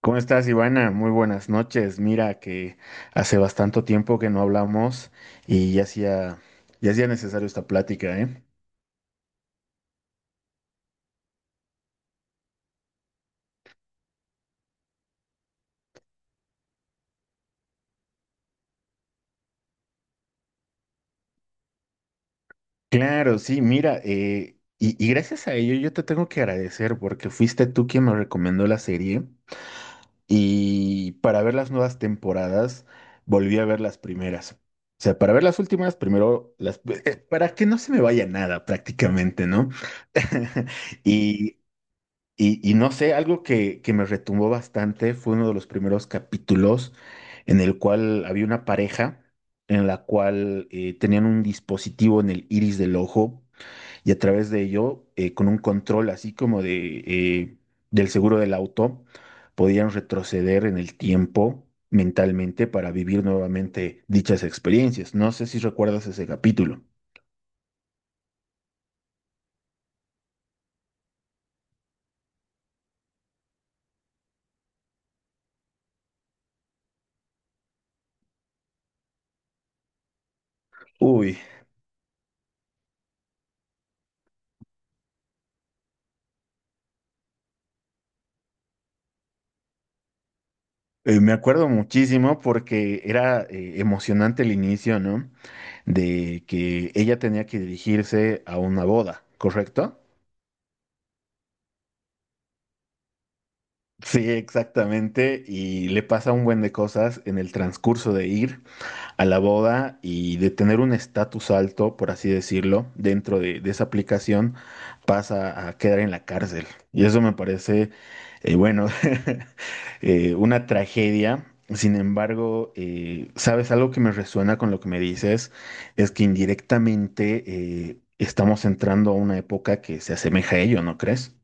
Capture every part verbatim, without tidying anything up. ¿Cómo estás, Ivana? Muy buenas noches. Mira que hace bastante tiempo que no hablamos y ya hacía, ya hacía necesario esta plática, ¿eh? Claro, sí, mira, eh, y, y gracias a ello yo te tengo que agradecer porque fuiste tú quien me recomendó la serie y para ver las nuevas temporadas volví a ver las primeras. O sea, para ver las últimas, primero las... eh, para que no se me vaya nada prácticamente, ¿no? Y Y, y no sé, algo que, que me retumbó bastante fue uno de los primeros capítulos en el cual había una pareja en la cual eh, tenían un dispositivo en el iris del ojo y a través de ello, eh, con un control así como de, eh, del seguro del auto, podían retroceder en el tiempo mentalmente para vivir nuevamente dichas experiencias. No sé si recuerdas ese capítulo. Uy, eh, me acuerdo muchísimo porque era eh, emocionante el inicio, ¿no? De que ella tenía que dirigirse a una boda, ¿correcto? Sí, exactamente, y le pasa un buen de cosas en el transcurso de ir a la boda y de tener un estatus alto, por así decirlo, dentro de, de esa aplicación, pasa a quedar en la cárcel. Y eso me parece, eh, bueno, eh, una tragedia. Sin embargo, eh, sabes, algo que me resuena con lo que me dices es que indirectamente eh, estamos entrando a una época que se asemeja a ello, ¿no crees?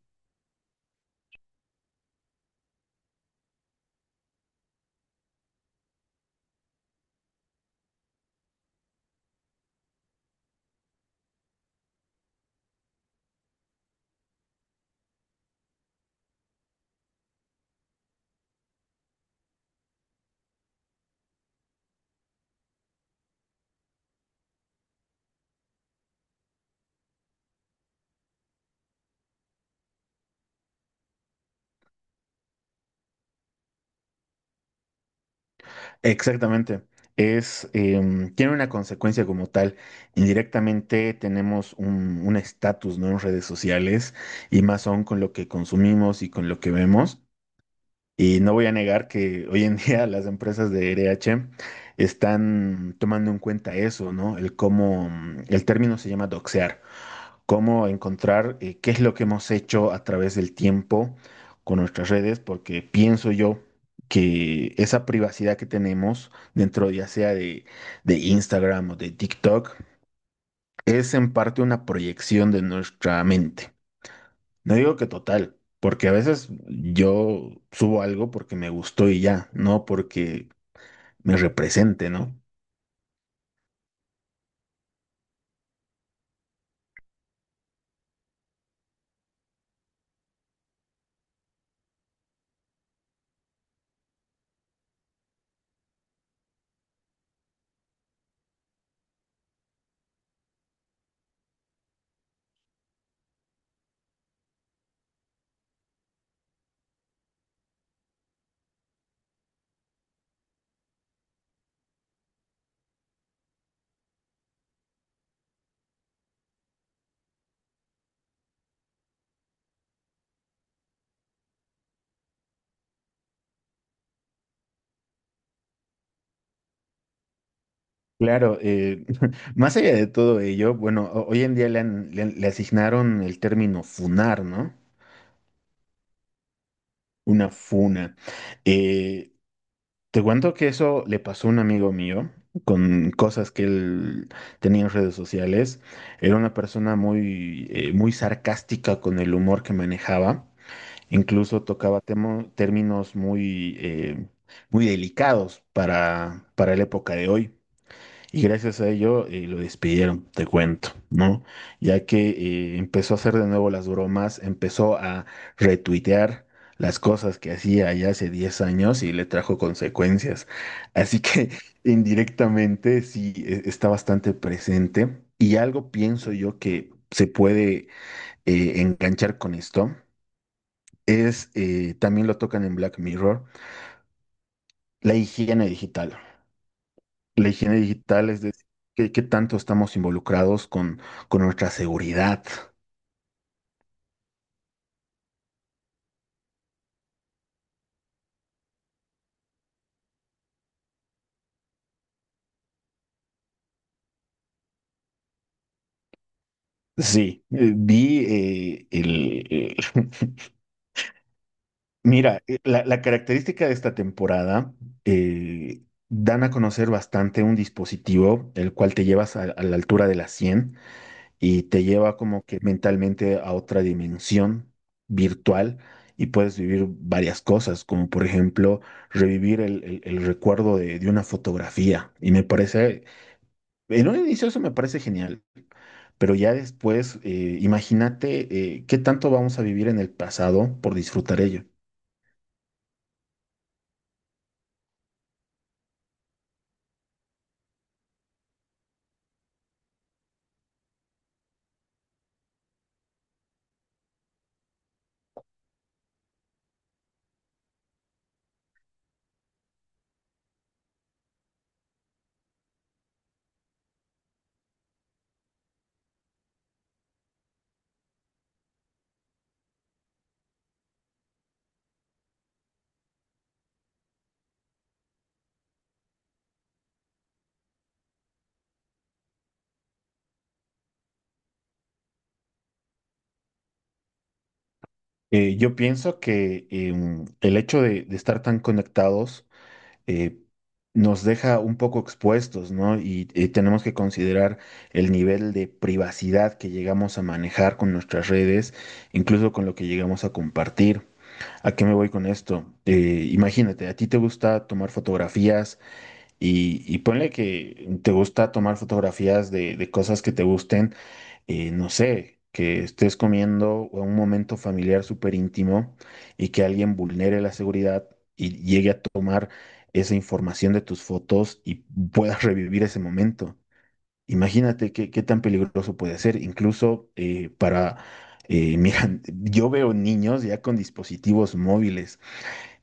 Exactamente. Es, em, tiene una consecuencia como tal. Indirectamente tenemos un un estatus, ¿no? En redes sociales y más aún con lo que consumimos y con lo que vemos. Y no voy a negar que hoy en día las empresas de R H están tomando en cuenta eso, ¿no? El cómo, mm, el término se llama doxear, cómo encontrar eh, qué es lo que hemos hecho a través del tiempo con nuestras redes, porque pienso yo que esa privacidad que tenemos dentro ya sea de, de Instagram o de TikTok es en parte una proyección de nuestra mente. No digo que total, porque a veces yo subo algo porque me gustó y ya, no porque me represente, ¿no? Claro, eh, más allá de todo ello, bueno, ho- hoy en día le, han- le han- le asignaron el término funar, ¿no? Una funa. Eh, te cuento que eso le pasó a un amigo mío con cosas que él tenía en redes sociales. Era una persona muy, eh, muy sarcástica con el humor que manejaba. Incluso tocaba temo- términos muy, eh, muy delicados para, para la época de hoy. Y gracias a ello eh, lo despidieron, te cuento, ¿no? Ya que eh, empezó a hacer de nuevo las bromas, empezó a retuitear las cosas que hacía ya hace diez años y le trajo consecuencias. Así que indirectamente sí e- está bastante presente. Y algo pienso yo que se puede eh, enganchar con esto es, eh, también lo tocan en Black Mirror, la higiene digital. La higiene digital es decir, qué, qué tanto estamos involucrados con, con nuestra seguridad. Sí, eh, vi eh, el... eh, mira, eh, la, la característica de esta temporada, eh, dan a conocer bastante un dispositivo, el cual te llevas a, a la altura de la cien y te lleva como que mentalmente a otra dimensión virtual y puedes vivir varias cosas, como por ejemplo revivir el, el- el recuerdo de, de una fotografía. Y me parece, en un inicio eso me parece genial, pero ya después eh, imagínate eh, qué tanto vamos a vivir en el pasado por disfrutar ello. Eh, yo pienso que em, el hecho de, de estar tan conectados eh, nos deja un poco expuestos, ¿no? Y, eh, tenemos que considerar el nivel de privacidad que llegamos a manejar con nuestras redes, incluso con lo que llegamos a compartir. ¿A qué me voy con esto? Eh, imagínate, a ti te gusta tomar fotografías y, y ponle que te gusta tomar fotografías de, de cosas que te gusten, eh, no sé, que estés comiendo o un momento familiar súper íntimo y que alguien vulnere la seguridad y llegue a tomar esa información de tus fotos y puedas revivir ese momento. Imagínate qué, qué tan peligroso puede ser, incluso eh, para... eh, mira, yo veo niños ya con dispositivos móviles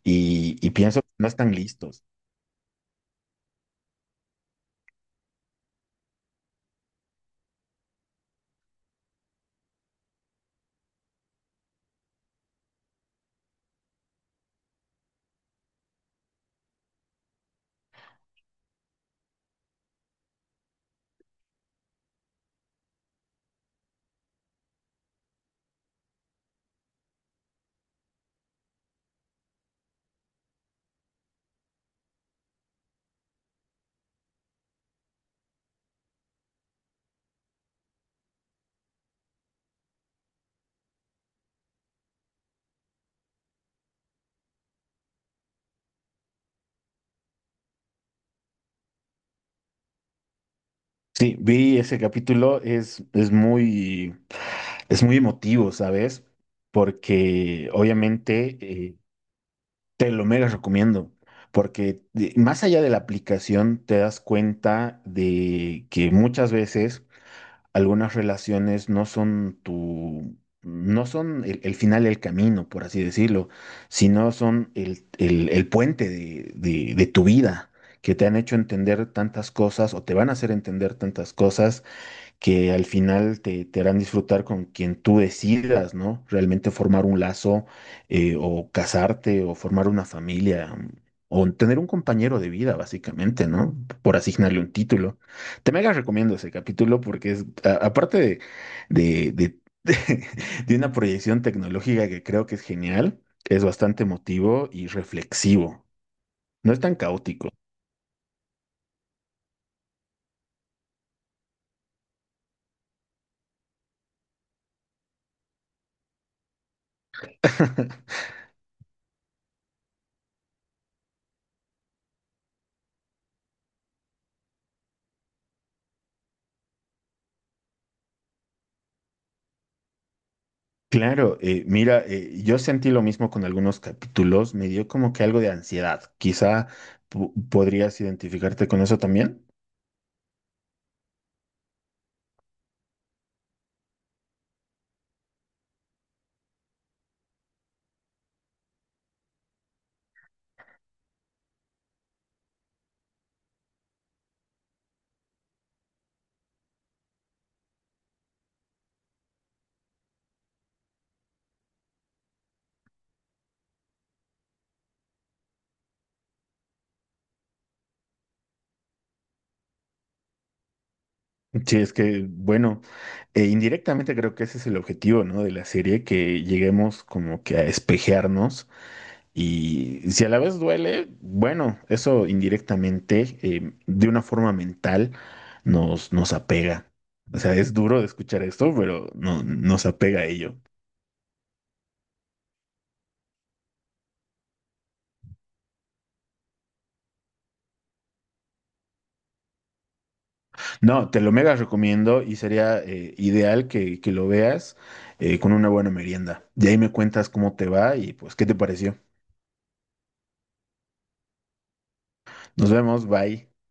y, y pienso que no están listos. Sí, vi ese capítulo, es, es muy, Es muy emotivo, ¿sabes? Porque obviamente eh, te lo mega recomiendo, porque de- más allá de la aplicación te das cuenta de que muchas veces algunas relaciones no son tu, no son el, el final del camino, por así decirlo, sino son el, el- el puente de, de de tu vida, que te han hecho entender tantas cosas o te van a hacer entender tantas cosas que al final te, te harán disfrutar con quien tú decidas, ¿no? Realmente formar un lazo eh, o casarte o formar una familia mm, o tener un compañero de vida, básicamente, ¿no? Por asignarle un título. Te mega recomiendo ese capítulo porque es, a- aparte de, de, de, de una proyección tecnológica que creo que es genial, es bastante emotivo y reflexivo. No es tan caótico. Claro, eh, mira, eh, yo sentí lo mismo con algunos capítulos, me dio como que algo de ansiedad. Quizá po- podrías identificarte con eso también. Sí, es que, bueno, eh, indirectamente creo que ese es el objetivo, ¿no? De la serie, que lleguemos como que a espejearnos y si a la vez duele, bueno, eso indirectamente, eh, de una forma mental, nos, nos apega. O sea, es duro de escuchar esto, pero no, nos apega a ello. No, te lo mega recomiendo y sería eh, ideal que, que lo veas eh, con una buena merienda. De ahí me cuentas cómo te va y pues qué te pareció. Nos vemos, bye.